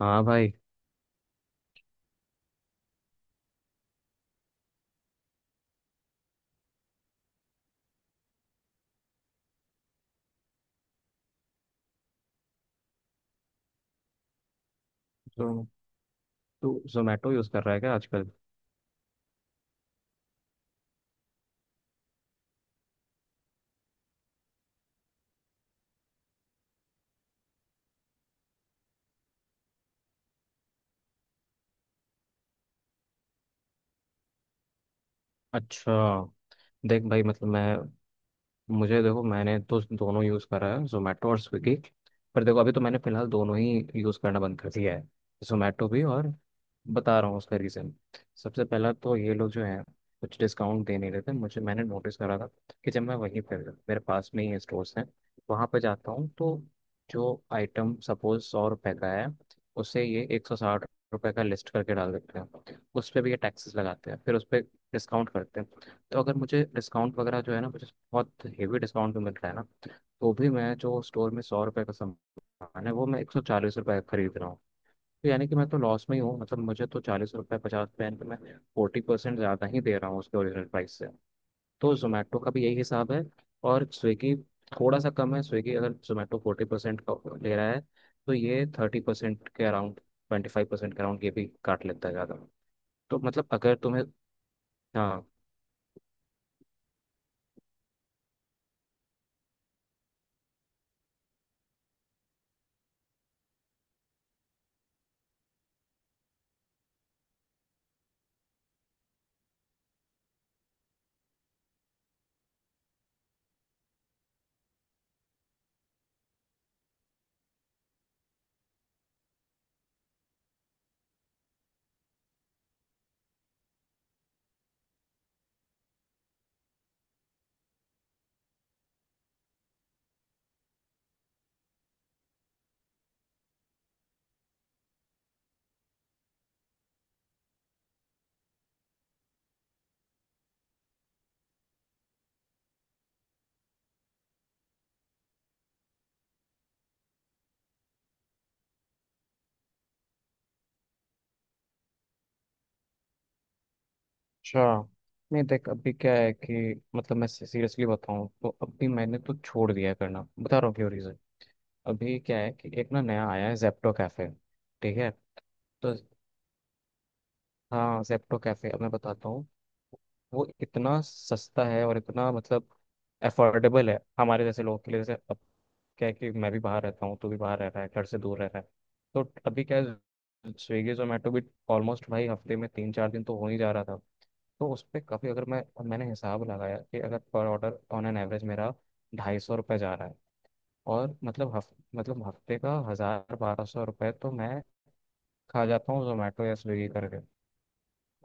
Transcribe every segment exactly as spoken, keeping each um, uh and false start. हाँ भाई। तो तू जोमेटो यूज़ कर रहा है क्या आजकल? अच्छा। देख भाई, मतलब मैं मुझे देखो, मैंने तो दोनों यूज़ करा है, जोमेटो और स्विगी। पर देखो, अभी तो मैंने फिलहाल दोनों ही यूज़ करना बंद कर दिया है, जोमेटो भी और बता रहा हूँ उसका रीज़न। सबसे पहला तो ये लोग जो हैं, कुछ डिस्काउंट दे नहीं रहे थे मुझे। मैंने नोटिस करा था कि जब मैं वहीं पर, मेरे पास में ही स्टोर्स हैं, वहाँ पर जाता हूँ, तो जो आइटम सपोज सौ रुपये का है, उसे ये एक सौ साठ रुपये का लिस्ट करके डाल देते हैं। उस पर भी ये टैक्सेस लगाते हैं, फिर उस पर डिस्काउंट करते हैं। तो अगर मुझे डिस्काउंट वगैरह जो है ना, मुझे बहुत हेवी डिस्काउंट भी मिल रहा है ना, तो भी मैं जो स्टोर में सौ रुपये का सामान है, वो मैं एक सौ चालीस रुपये का खरीद रहा हूँ। तो यानी कि मैं तो लॉस में ही हूँ। मतलब मुझे तो चालीस रुपये पचास रुपये पे मैं फोर्टी परसेंट ज़्यादा ही दे रहा हूँ उसके ओरिजिनल प्राइस से। तो जोमेटो का भी यही हिसाब है, और स्विगी थोड़ा सा कम है। स्विगी, अगर जोमेटो फोर्टी परसेंट का ले रहा है, तो ये थर्टी परसेंट के अराउंड, ट्वेंटी फाइव परसेंट के अराउंड ये भी काट लेता है ज़्यादा। तो मतलब अगर तुम्हें, हाँ, अच्छा, नहीं देख, अभी क्या है कि मतलब मैं सीरियसली बताऊं तो अभी मैंने तो छोड़ दिया है करना। बता रहा हूँ क्यों, रीज़न। अभी क्या है कि एक ना नया आया है, जेप्टो कैफे। ठीक है? तो हाँ, जेप्टो कैफे, अब मैं बताता हूँ। वो इतना सस्ता है और इतना, मतलब, अफोर्डेबल है हमारे जैसे लोगों के लिए। जैसे अब क्या है कि मैं भी बाहर रहता हूँ, तू भी बाहर रह रहा है, घर से दूर रह रहा है। तो अभी क्या है, स्विगी जोमेटो भी ऑलमोस्ट, भाई, हफ्ते में तीन चार दिन तो हो ही जा रहा था। तो उस पर काफ़ी, अगर मैं, मैंने हिसाब लगाया कि अगर per order on an average मेरा ढाई सौ रुपये जा रहा है, और मतलब हफ मतलब हफ्ते का हज़ार बारह सौ रुपये तो मैं खा जाता हूँ जोमेटो या स्विगी करके।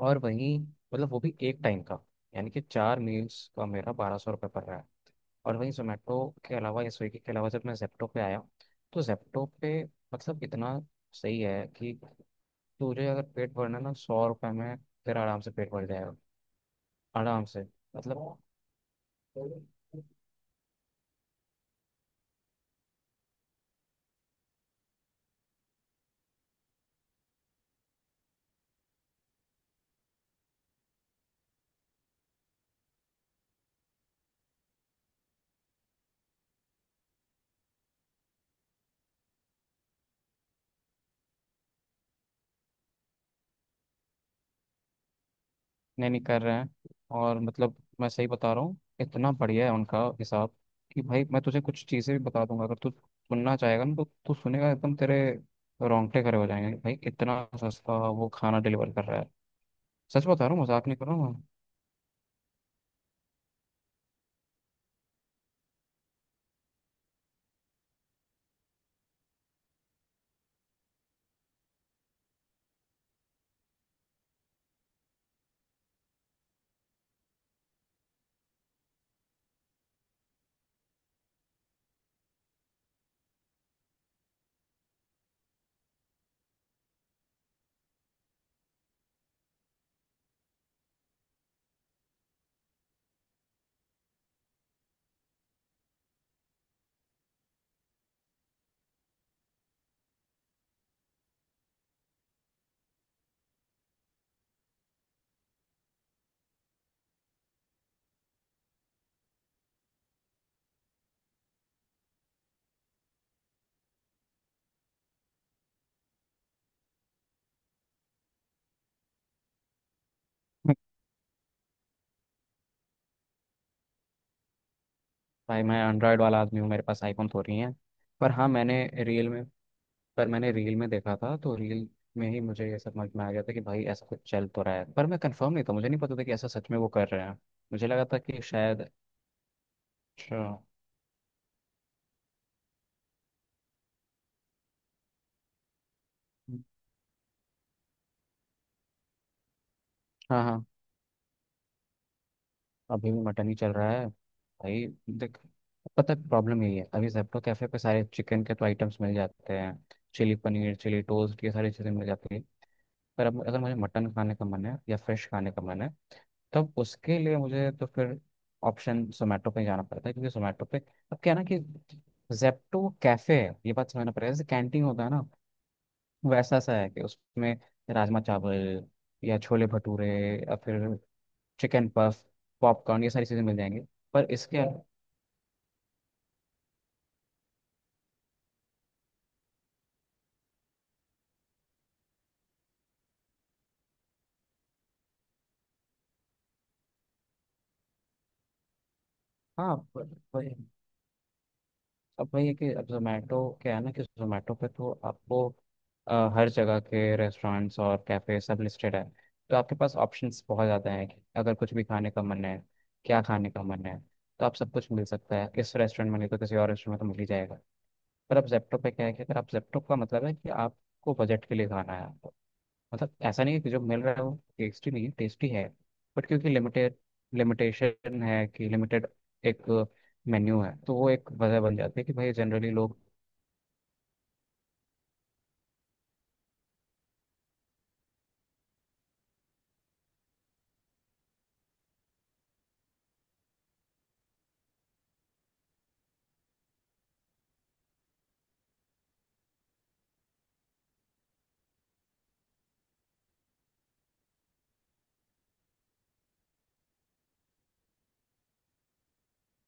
और वहीं, मतलब, वो भी एक टाइम का, यानी कि चार मील्स का मेरा बारह सौ रुपये पड़ रहा है। और वहीं जोमेटो के अलावा या स्विगी के अलावा, जब मैं जेप्टो पे आया, तो जेप्टो पे, मतलब, इतना सही है कि तुझे अगर पेट भरना है ना सौ रुपये में, तेरा आराम से पेट भर जाएगा। आराम से। मतलब नहीं नहीं, कर रहे हैं। और मतलब, मैं सही बता रहा हूँ, इतना बढ़िया है उनका हिसाब कि भाई मैं तुझे कुछ चीज़ें भी बता दूंगा, अगर तू सुनना चाहेगा ना तो। तू सुनेगा एकदम तेरे रोंगटे खड़े हो जाएंगे भाई, इतना सस्ता वो खाना डिलीवर कर रहा है। सच बता रहा हूँ, मजाक नहीं कर रहा हूँ। मैं। भाई मैं एंड्रॉयड वाला आदमी हूँ, मेरे पास आईफोन थोड़ी है। पर हाँ, मैंने रील में, पर मैंने रील में देखा था तो रील में ही मुझे ये समझ में आ गया था कि भाई ऐसा कुछ चल तो रहा है, पर मैं कंफर्म नहीं था, मुझे नहीं पता था कि ऐसा सच में वो कर रहे हैं। मुझे लगा था कि शायद, अच्छा, हाँ हाँ, अभी भी मटन ही चल रहा है भाई। देख, पता है प्रॉब्लम यही है, अभी जेप्टो कैफे पे सारे चिकन के तो आइटम्स मिल जाते हैं, चिली पनीर, चिली टोस्ट, ये सारी चीज़ें मिल जाती है। पर अब अगर मुझे मटन खाने का मन है या फिश खाने का मन है, तब उसके लिए मुझे तो फिर ऑप्शन जोमेटो पे जाना पड़ता है, क्योंकि जोमेटो पे, अब क्या है ना कि, जेप्टो कैफे है, ये बात समझना पड़ेगा। जैसे कैंटीन होता है ना, वैसा सा है कि उसमें राजमा चावल, या छोले भटूरे, या फिर चिकन पफ, पॉपकॉर्न, ये सारी चीज़ें मिल जाएंगी। पर इसके, हाँ, पर, पर, अब वही है कि अब जोमेटो क्या है ना कि, जोमेटो पे तो आपको अ, हर जगह के रेस्टोरेंट्स और कैफ़े सब लिस्टेड है। तो आपके पास ऑप्शंस बहुत ज़्यादा हैं कि अगर कुछ भी खाने का मन है, क्या खाने का मन है, तो आप सब कुछ मिल सकता है। इस रेस्टोरेंट में नहीं तो किसी और रेस्टोरेंट में तो मिल ही जाएगा। पर अब जेप्टो पे क्या है कि, अगर आप जेप्टो का मतलब है कि आपको बजट के लिए खाना है। मतलब ऐसा नहीं है कि जो मिल रहा है वो टेस्टी नहीं है, टेस्टी है। बट क्योंकि लिमिटेड, लिमिटेशन है कि लिमिटेड एक मेन्यू है, तो वो एक वजह बन जाती है कि भाई जनरली लोग,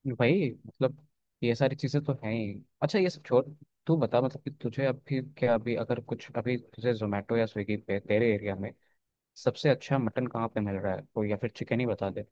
भाई मतलब ये सारी चीज़ें तो हैं ही। अच्छा ये सब छोड़, तू बता, मतलब कि तुझे अभी क्या, अभी अगर कुछ, अभी तुझे जोमेटो या स्विगी पे तेरे एरिया में सबसे अच्छा मटन कहाँ पे मिल रहा है, तो, या फिर चिकन ही बता दे।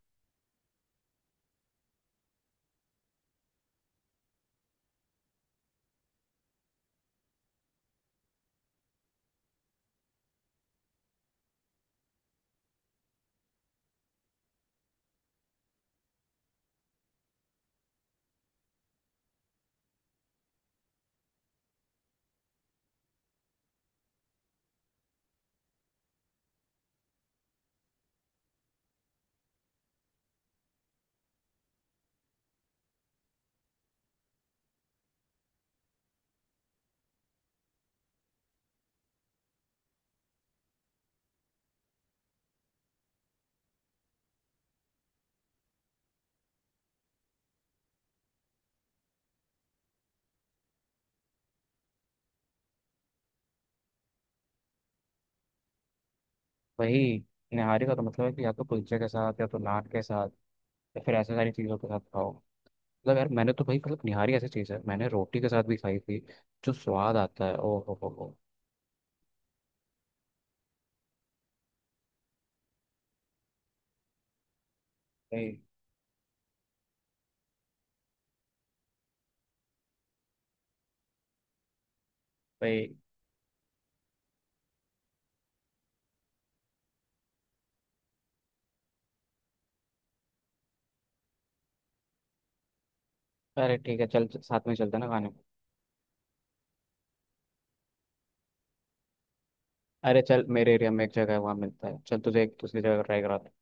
वही, निहारी का तो मतलब है कि या तो कुलचे के साथ या तो नान के साथ या फिर ऐसे सारी चीज़ों के साथ खाओ। मतलब यार, मैंने तो भाई, मतलब निहारी ऐसी चीज़ है, मैंने रोटी के साथ भी खाई थी। जो स्वाद आता है, ओ हो हो हो। भाई, भाई, अरे ठीक है, चल साथ में चलते हैं ना खाने। अरे चल, मेरे एरिया में एक जगह है, वहाँ मिलता है। चल तुझे एक दूसरी जगह ट्राई कराते हैं।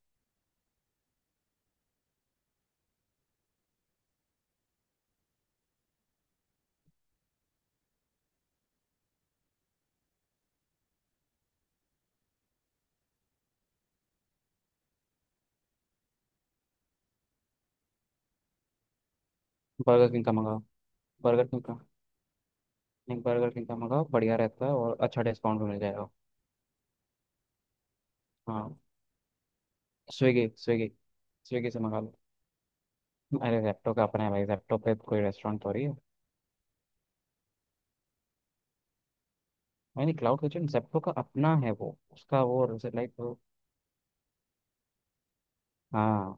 बर्गर किंग का मंगाओ। बर्गर किंग का, नहीं बर्गर किंग का मंगाओ, बढ़िया रहता है और अच्छा डिस्काउंट भी मिल जाएगा। हाँ, स्विगी स्विगी, स्विगी से मंगा लो। अरे जेप्टो का अपना है भाई, जेप्टो पे कोई रेस्टोरेंट थोड़ी है। नहीं, क्लाउड किचन जेप्टो का अपना है, वो उसका वो, लाइक वो। हाँ।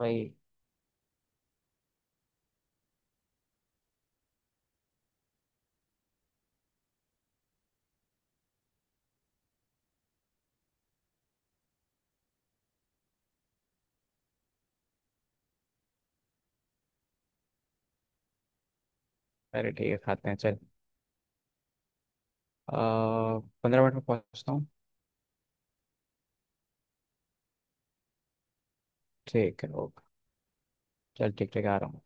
भाई, अरे ठीक है, खाते हैं, चल। पंद्रह मिनट में पहुंचता हूँ। ठीक है, ओके, चल, ठीक ठीक आ रहा हूँ।